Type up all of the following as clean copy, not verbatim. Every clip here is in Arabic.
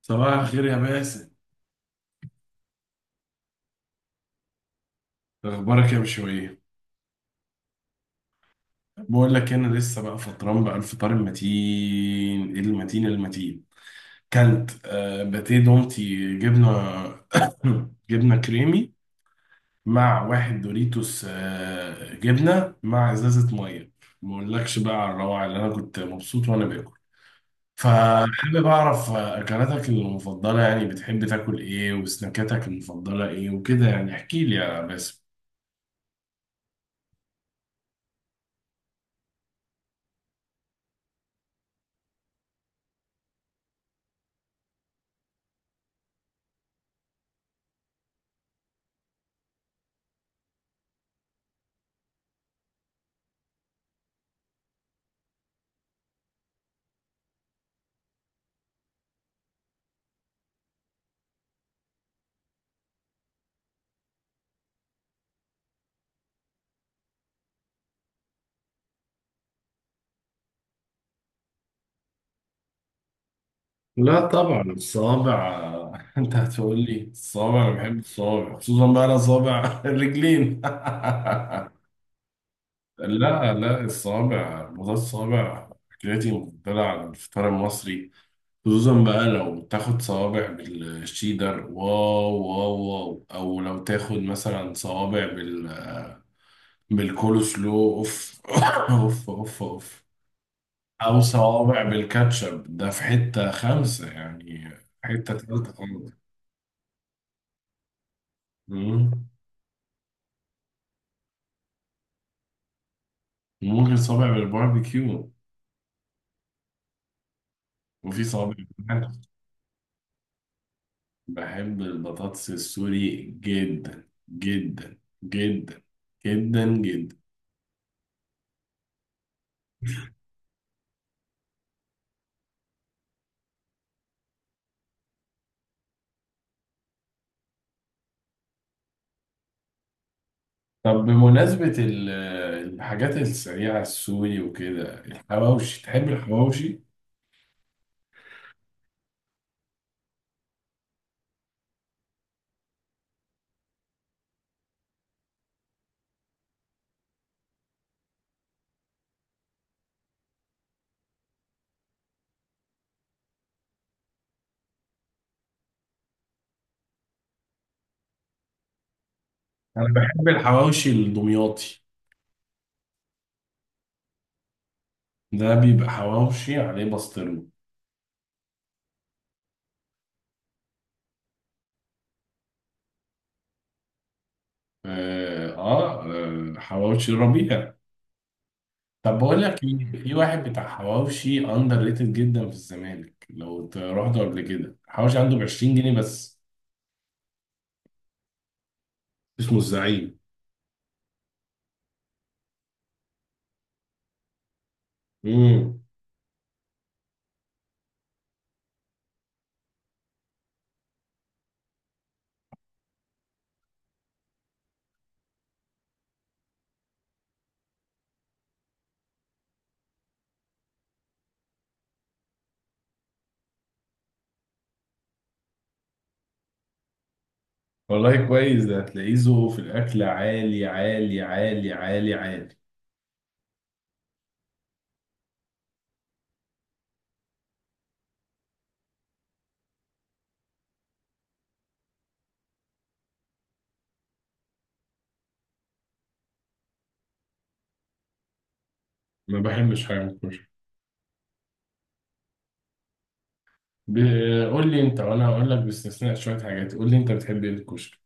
صباح الخير يا باسم. اخبارك يا بشوية؟ بقول لك انا لسه بقى فطران بقى الفطار المتين المتين المتين. كانت باتيه دومتي جبنه. جبنه كريمي مع واحد دوريتوس جبنه مع ازازه ميه. ما اقولكش بقى على الروعه اللي انا كنت مبسوط وانا باكل. فحابب اعرف اكلاتك المفضله، يعني بتحب تاكل ايه، وسناكاتك المفضله ايه وكده، يعني احكي لي يا باسم. لا طبعا الصوابع. انت هتقول لي الصوابع؟ انا بحب الصوابع، خصوصا بقى انا صوابع الرجلين. لا لا، الصوابع، موضوع الصوابع أكلتي المفضلة على الفطار المصري. خصوصا بقى لو تاخد صوابع بالشيدر، واو واو واو، أو لو تاخد مثلا صوابع بالكول سلو، أوف أوف أوف أوف. أو صوابع بالكاتشب، ده في حتة خمسة يعني. حتة تالتة خالص. مم. ممكن صابع بالباربيكيو. وفي صوابع بالمحشي. بحب البطاطس السوري جدا جدا جدا جدا جدا. طب بمناسبة الحاجات السريعة السوري وكده، الحواوشي، تحب الحواوشي؟ أنا بحب الحواوشي الدمياطي. ده بيبقى حواوشي عليه بسطرمة. آه, آه حواوشي ربيع. طب بقول لك ايه، في واحد بتاع حواوشي اندر ريتد جدا في الزمالك، لو رحته قبل كده، حواوشي عنده ب 20 جنيه بس. اسمه الزعيم. امم والله كويس، ده هتلاقيه ذوقه في الاكل عالي عالي عالي عالي عالي. ما بحبش حاجه من الكشري. قول لي انت وانا هقول لك باستثناء شويه حاجات. قول لي انت بتحب ايه في الكشري.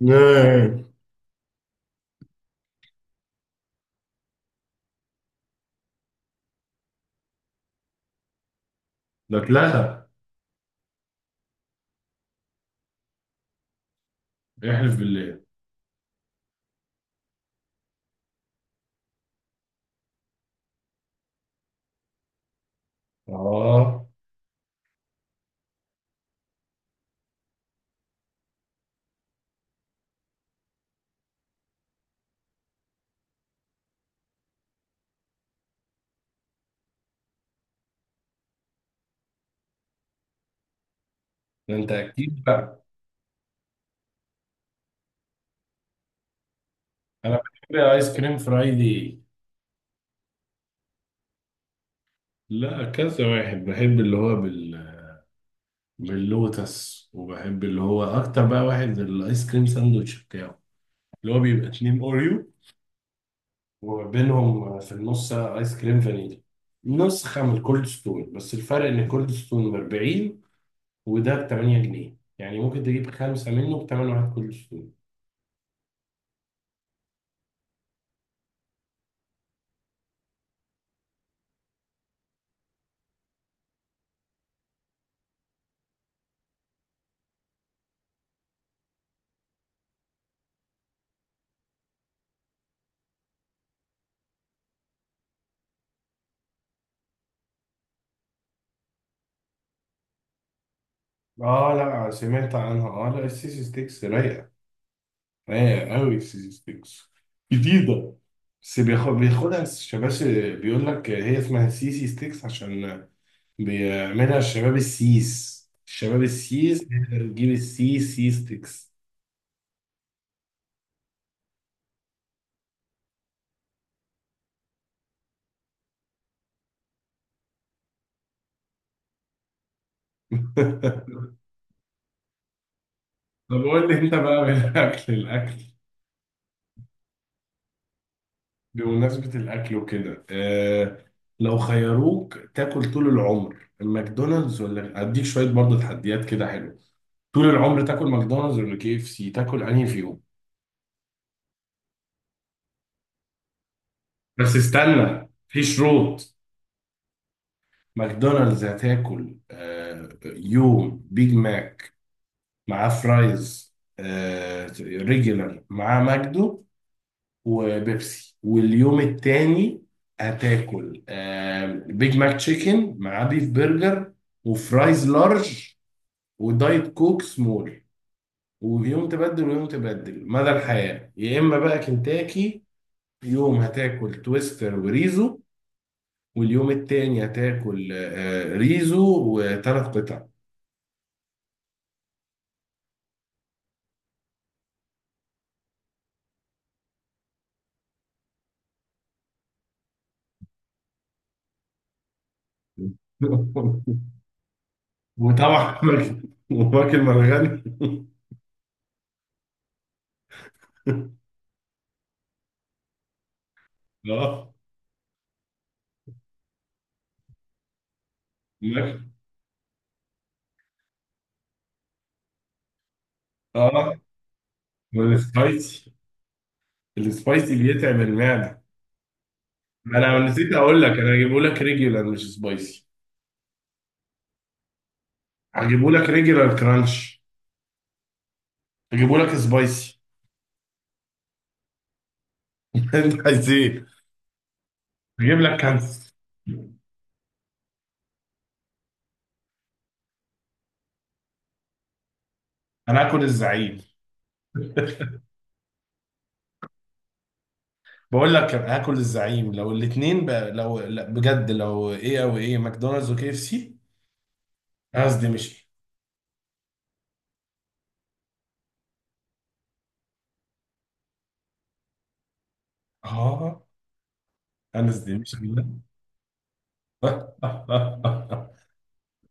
نعم. ده اتلغى. احلف بالله. اه. ده انت اكيد بقى. انا بحب ايس كريم فرايدي. لا، كذا واحد بحب اللي هو باللوتس، وبحب اللي هو اكتر بقى واحد الايس كريم ساندوتش بتاعه، اللي هو بيبقى 2 اوريو وبينهم في النص ايس كريم فانيليا. نسخة من الكولد ستون، بس الفرق ان الكولد ستون ب 40، وده ب 8 جنيه، يعني ممكن تجيب خمسة منه ب 8 واحد كولد ستون. اه لا، سمعت عنها. اه لا، السيسي ستيكس رايقة، رايق قوي سيستكس. جديدة. بس بياخدها الشباب. بيقول لك هي اسمها سي سي ستيكس عشان بيعملها الشباب السيس. الشباب السيس هي اللي بتجيب السي سي ستيكس. طب قول لي انت بقى، من الاكل بمناسبة الاكل وكده، لو خيروك تاكل طول العمر الماكدونالدز، ولا اديك شوية برضه تحديات كده حلو؟ طول العمر تاكل ماكدونالدز ولا كي اف سي؟ تاكل انهي فيهم؟ بس استنى، في شروط. ماكدونالدز هتاكل يوم بيج ماك مع فرايز ريجولار مع ماجدو وبيبسي. واليوم التاني هتاكل بيج ماك تشيكن مع بيف برجر وفرايز لارج ودايت كوك سمول. ويوم تبدل ويوم تبدل مدى الحياة. يا إما بقى كنتاكي، يوم هتاكل تويستر وريزو، واليوم التاني هتاكل ريزو و3 قطع. وطبعا وماكل مرغني. اه ماكل اه والسبايسي، السبايسي بيتعب المعده. انا نسيت اقول لك، انا هجيبه لك ريجولار مش سبايسي. هجيبه لك ريجولار كرانش. هجيبه لك سبايسي. انت عايز ايه؟ هجيب لك كانس. انا هاكل الزعيم. بقول لك هاكل الزعيم لو الاثنين بقى، لو لا بجد، لو ايه او ايه ماكدونالدز وكي اف سي. قصدي مش. اه، انا قصدي مش.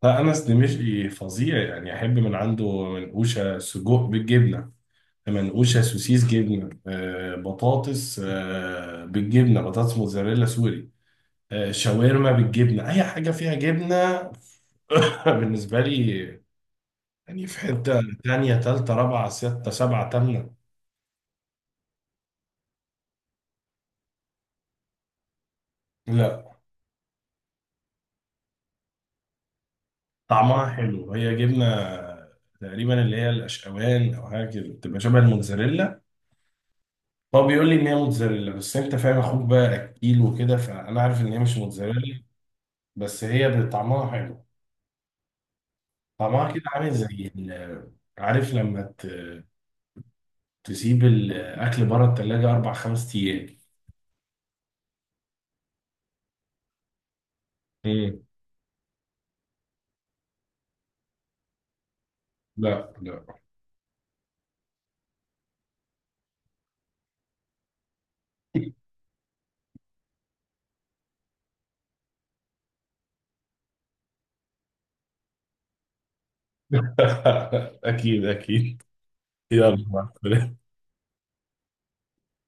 لا، أنس دمشقي فظيع يعني. أحب من عنده منقوشة سجق بالجبنة، منقوشة سوسيس جبنة، بطاطس بالجبنة، بطاطس موزاريلا سوري، شاورما بالجبنة. أي حاجة فيها جبنة بالنسبة لي، يعني في حتة تانية تالتة رابعة ستة سبعة تامنة. لا، طعمها حلو. هي جبنة تقريبا اللي هي الأشقوان أو حاجة كده، بتبقى شبه الموتزاريلا. هو بيقول لي ان هي موتزاريلا، بس انت فاهم اخوك بقى اكيل وكده، فانا عارف ان هي مش موتزاريلا. بس هي طعمها حلو. طعمها كده عامل زي ال- عارف لما تسيب الاكل بره التلاجة 4 5 ايام. مم. لا لا. اكيد اكيد. يلا مع السلامة.